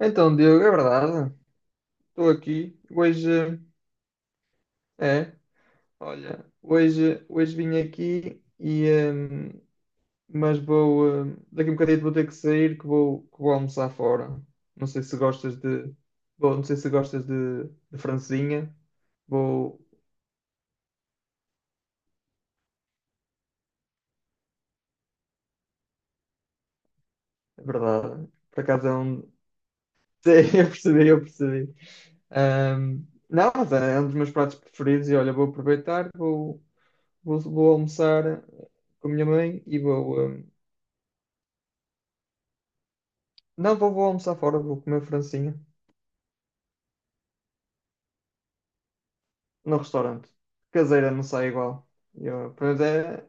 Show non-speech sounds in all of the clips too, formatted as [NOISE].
Então, Diogo, é verdade. Estou aqui. Hoje é, olha, hoje vim aqui e hum, mas vou daqui a um bocadinho vou ter que sair que vou almoçar fora. Não sei se gostas de bom, não sei se gostas de francesinha. Vou, é verdade. Por acaso é um. [LAUGHS] Sim, eu percebi, eu percebi. Não, mas é um dos meus pratos preferidos e olha, vou aproveitar, vou almoçar com a minha mãe e vou. Não, vou almoçar fora, vou comer francinha no restaurante. Caseira não sai igual. Eu, pois é,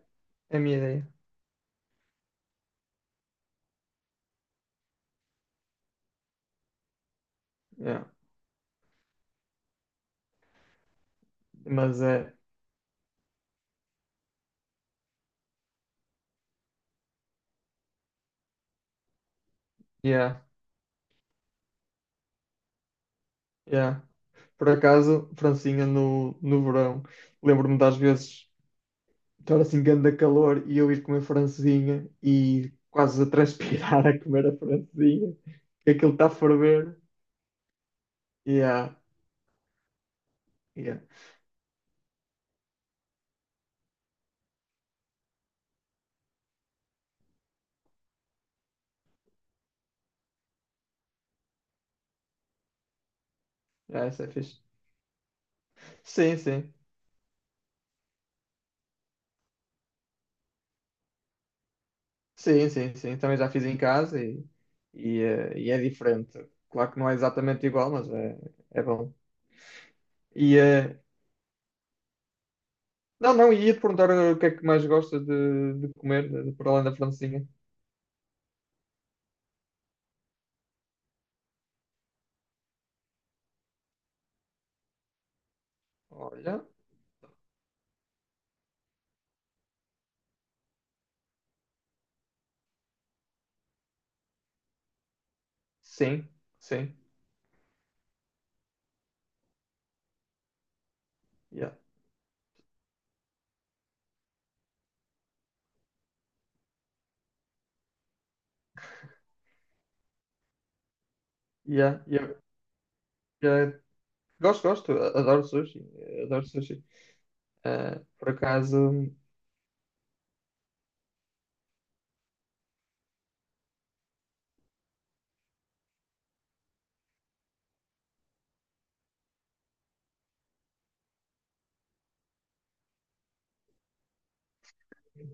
é a minha ideia. Yeah. Mas é, yeah, yeah. Por acaso, francinha no verão. Lembro-me das vezes estar assim, grande calor e eu ir comer francesinha e quase a transpirar [LAUGHS] a comer a francesinha. Que Aquilo está a ferver. Yeah, yeah. Yeah, isso é fixe. Sim, sim. Sim, sim, sim. Também já fiz em casa e é diferente. Claro que não é exatamente igual, mas é bom. E, eh, não, não, e ia-te perguntar o que é que mais gostas de comer, por além da francesinha. Olha, sim, sim. Yeah, yeah, yeah, yeah. Gosto, gosto. Adoro sushi. Adoro sushi. Por acaso,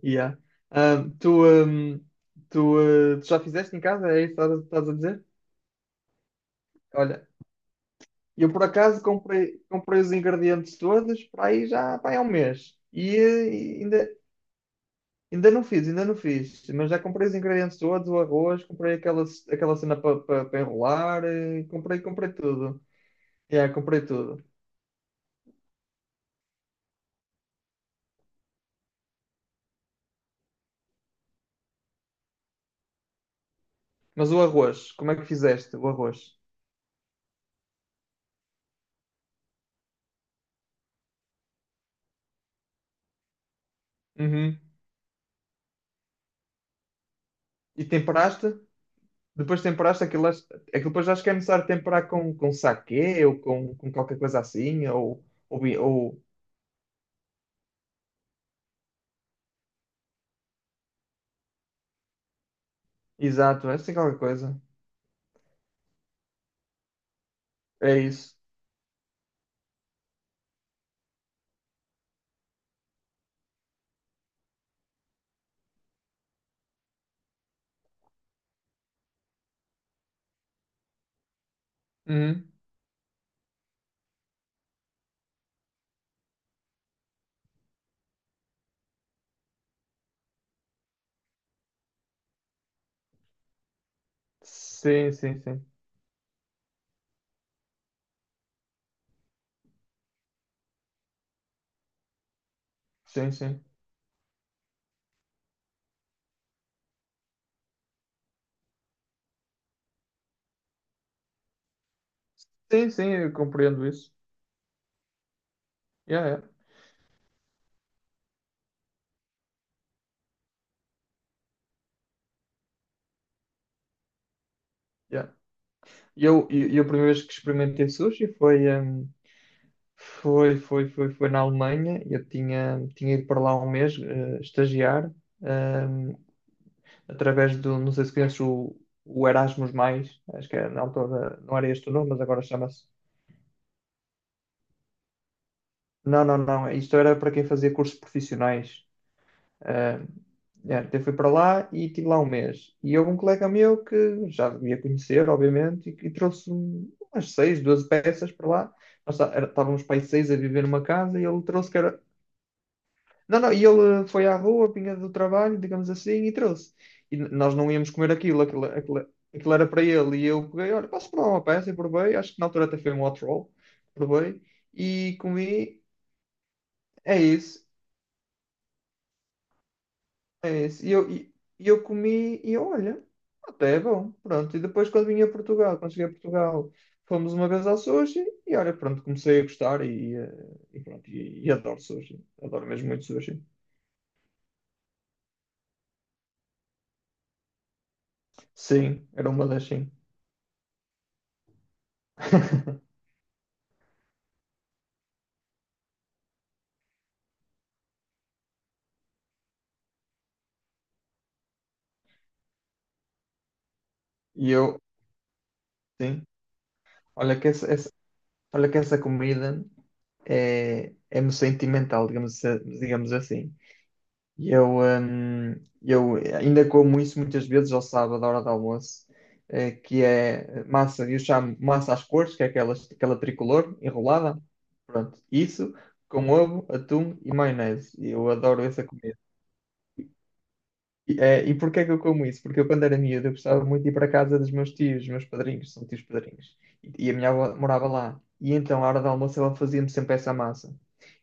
yeah. Ah, tu já fizeste em casa? É isso que estás a dizer? Olha, e eu, por acaso, comprei os ingredientes todos para aí já vai há um mês. Ainda, ainda não fiz, ainda não fiz. Mas já comprei os ingredientes todos, o arroz, comprei aquela cena para enrolar, comprei tudo. Yeah, comprei tudo. Mas o arroz, como é que fizeste o arroz? Uhum. E temperaste? Depois temperaste aquilo, aquilo depois acho que é necessário temperar com saquê ou com qualquer coisa assim, ou, ou exato, é assim qualquer coisa. É isso. Sim, sim, sim. Sim, sim. Sim, sim, eu compreendo isso. Yeah, yeah, yeah. E eu, a primeira vez que experimentei sushi foi, foi na Alemanha. Eu tinha ido para lá um mês, estagiar, hum, através do, não sei se conheces o Erasmus+, Mais, acho que era na altura, não era este o nome, mas agora chama-se. Não, não, não. Isto era para quem fazia cursos profissionais. Ah, é, até fui para lá e estive lá um mês. E houve um colega meu que já devia conhecer, obviamente, e trouxe umas seis, 12 peças para lá. Nós estávamos para aí seis a viver numa casa e ele trouxe que era. Não, não, e ele foi à rua, vinha do trabalho, digamos assim, e trouxe. E nós não íamos comer aquilo, aquilo, aquilo, aquilo era para ele. E eu peguei, olha, posso provar uma peça e provei. Acho que na altura até foi um hot roll, provei e comi. É isso. É esse. E eu, e eu comi e eu, olha, até é bom. Pronto. E depois quando vim a Portugal, quando cheguei a Portugal, fomos uma vez ao sushi e olha, pronto, comecei a gostar e pronto, e adoro sushi. Adoro mesmo muito sushi. Sim, era uma das sim. [LAUGHS] E eu, sim, olha que essa, olha que essa comida é-me sentimental, digamos assim. E eu ainda como isso muitas vezes ao sábado, à hora do almoço, que é massa, eu chamo massa às cores, que é aquela tricolor enrolada. Pronto, isso com ovo, atum e maionese. Eu adoro essa comida. E porquê que eu como isso? Porque eu, quando era miúdo, eu gostava muito de ir para a casa dos meus tios, dos meus padrinhos, são tios padrinhos. E a minha avó morava lá. E então, à hora do almoço, ela fazia-me sempre essa massa.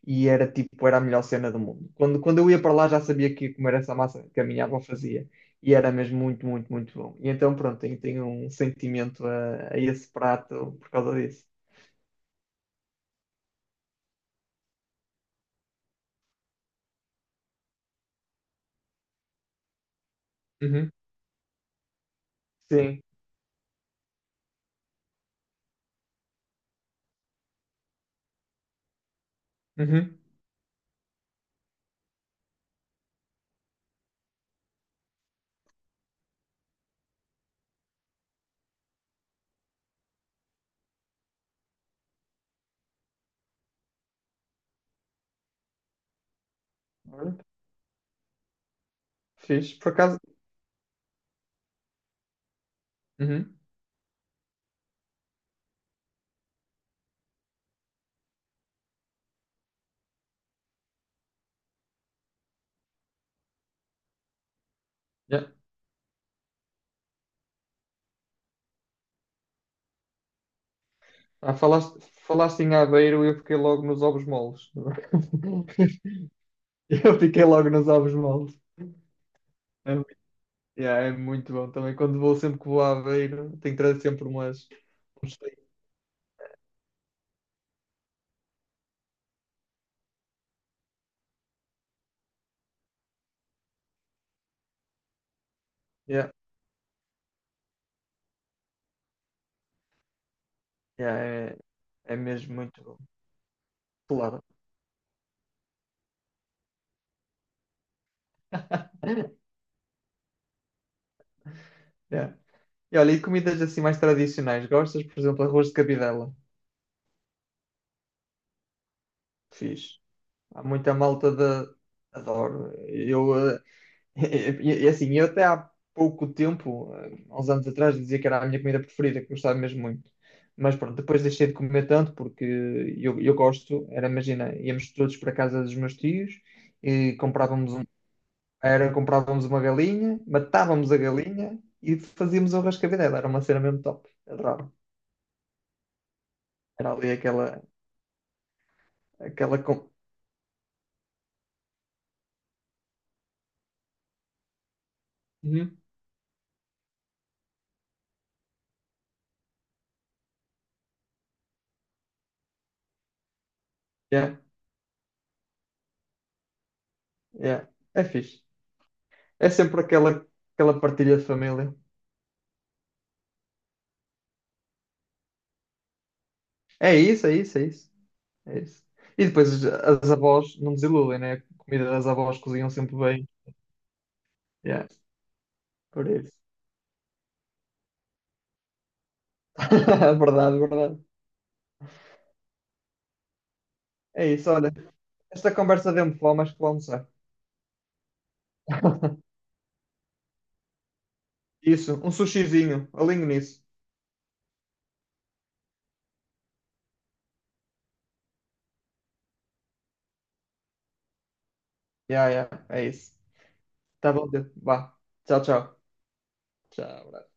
E era tipo, era a melhor cena do mundo. Quando eu ia para lá, já sabia que ia comer essa massa que a minha avó fazia. E era mesmo muito, muito, muito bom. E então, pronto, tenho um sentimento a esse prato por causa disso. Uhum. Sim. Uhum. Olha, fixe. Por acaso. Uhum. Yeah. Ah, falaste em Aveiro e eu fiquei logo nos ovos moles. [LAUGHS] Eu fiquei logo nos ovos moles. É, yeah, é muito bom também. Quando vou, sempre que vou a Aveiro, tenho que trazer sempre umas. uns tem- Yeah, yeah, é mesmo muito bom. Claro. Yeah. E olha, e comidas assim mais tradicionais? Gostas, por exemplo, arroz de cabidela? Fiz. Há muita malta da. Adoro. Eu [LAUGHS] E assim, eu até há pouco tempo, há uns anos atrás, dizia que era a minha comida preferida, que gostava mesmo muito. Mas pronto, depois deixei de comer tanto porque eu gosto, era, imagina, íamos todos para a casa dos meus tios e comprávamos, um, era, comprávamos uma galinha, matávamos a galinha e fazíamos o rascavé era uma cena mesmo top, adorava. Era ali aquela, aquela... com- Uhum. Yeah, yeah. É fixe. É sempre aquela, aquela partilha de família. É isso, é isso, é isso. É isso. E depois as avós não desiludem, né? A comida das avós cozinham sempre bem. Yeah, por isso. [LAUGHS] Verdade, verdade. É isso, olha. Esta conversa deu-me fome, acho que vou almoçar. Isso, um sushizinho, alinho nisso. Yeah, yeah, é isso. Tá bom, Pedro, vá. Tchau, tchau. Tchau.